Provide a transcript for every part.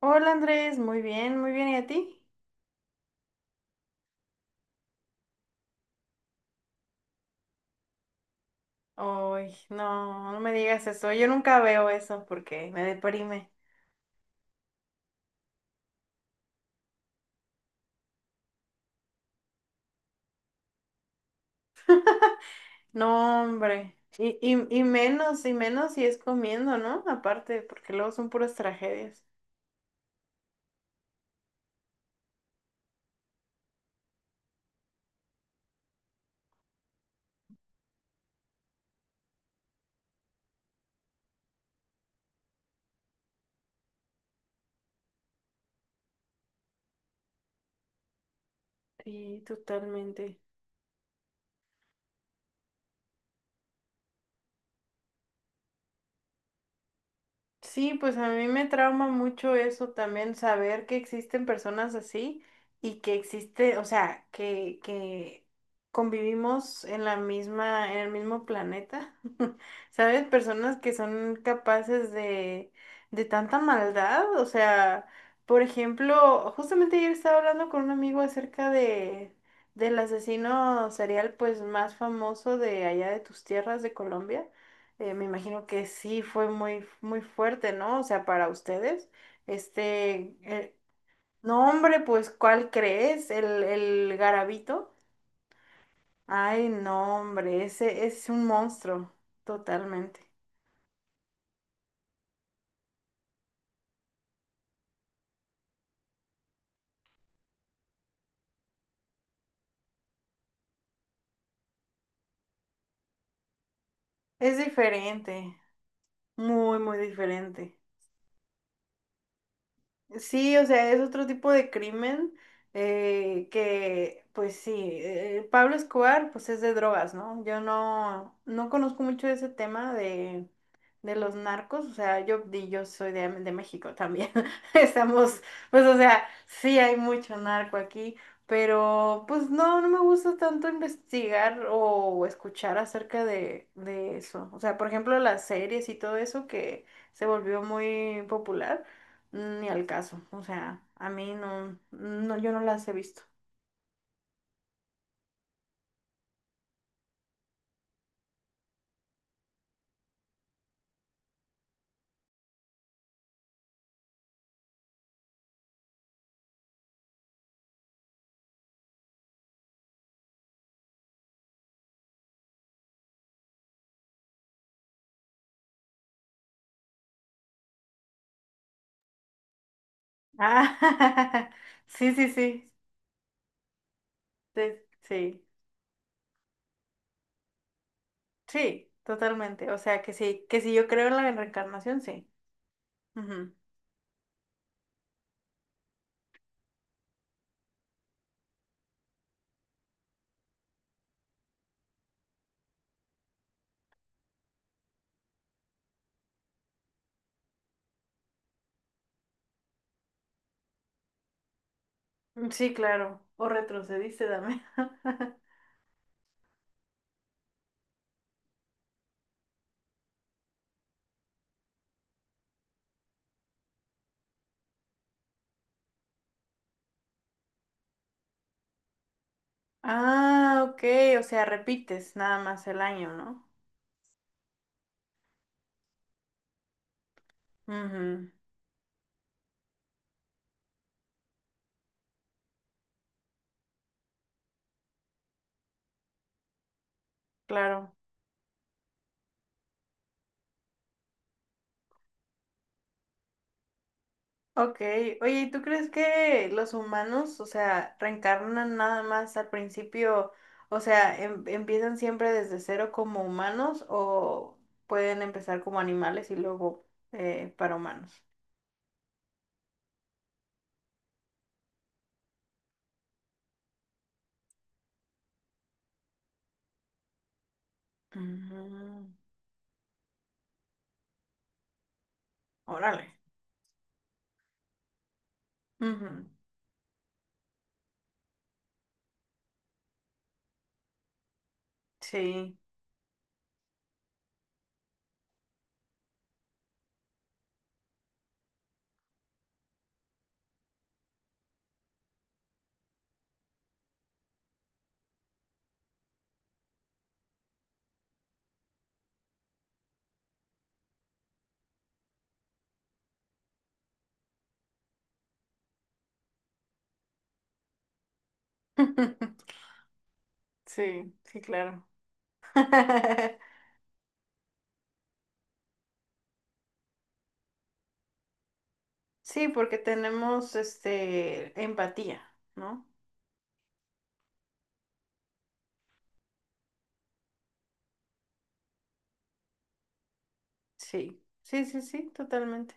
Hola Andrés, muy bien, ¿y a ti? Ay, no, no me digas eso, yo nunca veo eso porque me deprime. No, hombre, y menos, y menos si es comiendo, ¿no? Aparte, porque luego son puras tragedias. Sí, totalmente. Sí, pues a mí me trauma mucho eso también, saber que existen personas así y que existe, o sea, que convivimos en la misma, en el mismo planeta, ¿sabes? Personas que son capaces de tanta maldad, o sea, por ejemplo, justamente ayer estaba hablando con un amigo acerca de, del asesino serial, pues, más famoso de allá de tus tierras, de Colombia. Me imagino que sí fue muy, muy fuerte, ¿no? O sea, para ustedes. Este, no, hombre, pues, ¿cuál crees? El garabito. Ay, no, hombre, ese es un monstruo, totalmente. Es diferente, muy, muy diferente. Sí, o sea, es otro tipo de crimen que, pues sí, Pablo Escobar, pues es de drogas, ¿no? Yo no, no conozco mucho de ese tema de los narcos, o sea, yo, y yo soy de México también, estamos, pues o sea, sí hay mucho narco aquí, pero pues no, no me gusta tanto investigar o escuchar acerca de eso, o sea, por ejemplo, las series y todo eso que se volvió muy popular. Ni al caso, o sea, a mí no, no, yo no las he visto. Ah, sí, sí, sí, sí, sí, sí, totalmente. O sea, que sí, que si yo creo en la reencarnación, sí. Ujú. Sí, claro. O retrocediste también. Ah, ok, o sea, repites nada más el año, ¿no? Ujú, claro. Ok, oye, ¿y ¿tú crees que los humanos, o sea, reencarnan nada más al principio, o sea, empiezan siempre desde cero como humanos o pueden empezar como animales y luego para humanos? Mm, órale. Ujú, sí. Sí, sí, claro. Sí, porque tenemos este empatía, ¿no? Sí, sí, sí, sí, totalmente.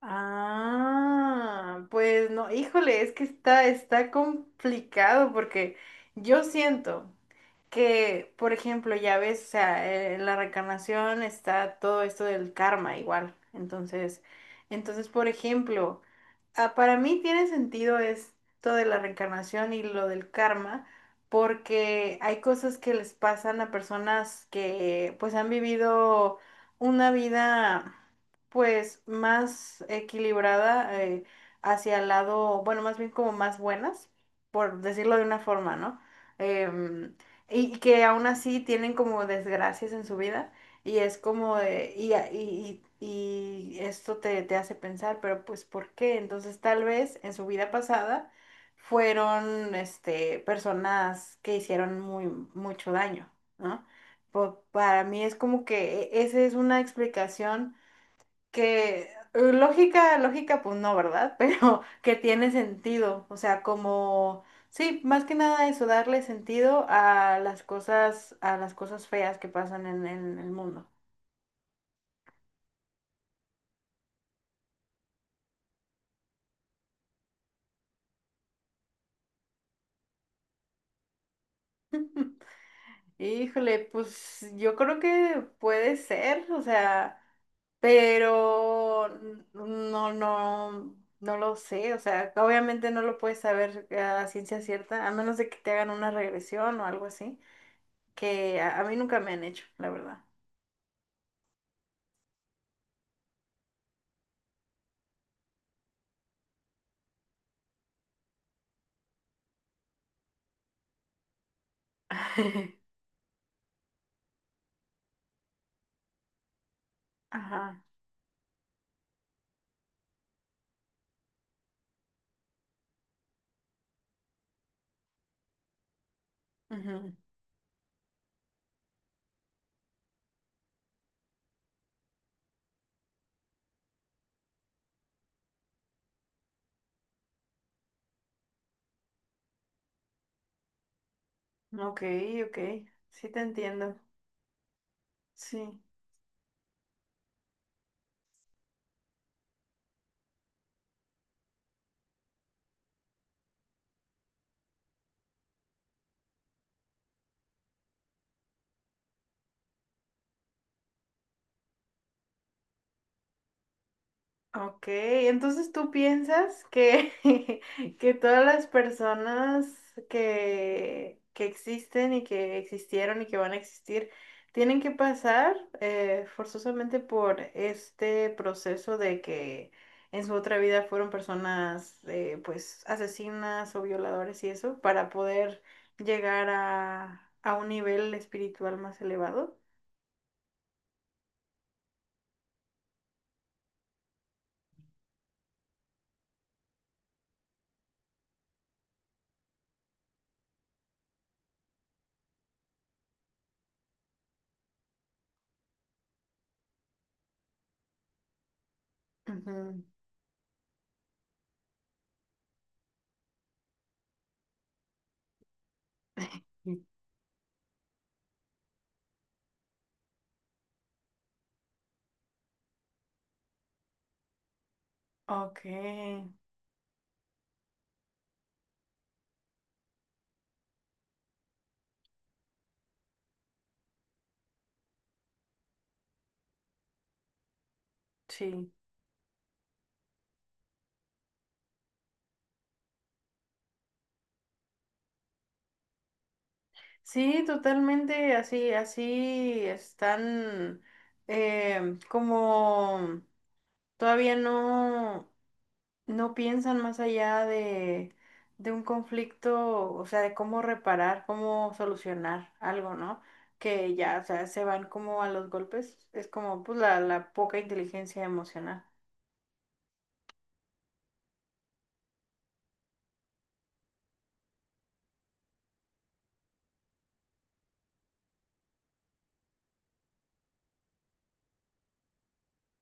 Ah, pues no, híjole, es que está, está complicado porque yo siento que, por ejemplo, ya ves, o sea, en la reencarnación está todo esto del karma igual. Entonces, entonces, por ejemplo, para mí tiene sentido esto de la reencarnación y lo del karma, porque hay cosas que les pasan a personas que pues han vivido una vida pues más equilibrada hacia el lado, bueno, más bien como más buenas, por decirlo de una forma, ¿no? Em, y que aún así tienen como desgracias en su vida y es como de, y esto te, te hace pensar, pero pues ¿por qué? Entonces tal vez en su vida pasada fueron este, personas que hicieron muy, mucho daño, ¿no? Para mí es como que esa es una explicación que lógica, lógica, pues no, ¿verdad? Pero que tiene sentido, o sea, como, sí, más que nada eso, darle sentido a las cosas feas que pasan en el mundo. Híjole, pues yo creo que puede ser, o sea, pero no, no, no lo sé, o sea, obviamente no lo puedes saber a ciencia cierta, a menos de que te hagan una regresión o algo así, que a mí nunca me han hecho, la verdad. Ajá. Ujú, ok, ok. Sí te entiendo. Sí. Ok, entonces tú piensas que, que todas las personas que existen y que existieron y que van a existir tienen que pasar forzosamente por este proceso de que en su otra vida fueron personas pues asesinas o violadores y eso para poder llegar a un nivel espiritual más elevado. Ujú. Ok, sí. Sí, totalmente, así, así están como todavía no, no piensan más allá de un conflicto, o sea, de cómo reparar, cómo solucionar algo, ¿no? Que ya, o sea, se van como a los golpes, es como pues la poca inteligencia emocional.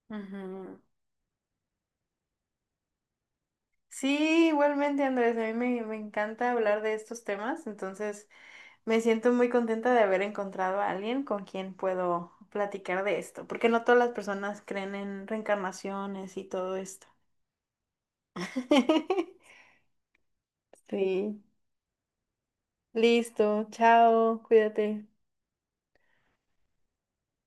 Ujú. Sí, igualmente, Andrés, a mí me, me encanta hablar de estos temas, entonces me siento muy contenta de haber encontrado a alguien con quien puedo platicar de esto, porque no todas las personas creen en reencarnaciones y todo esto. Sí. Listo, chao, cuídate.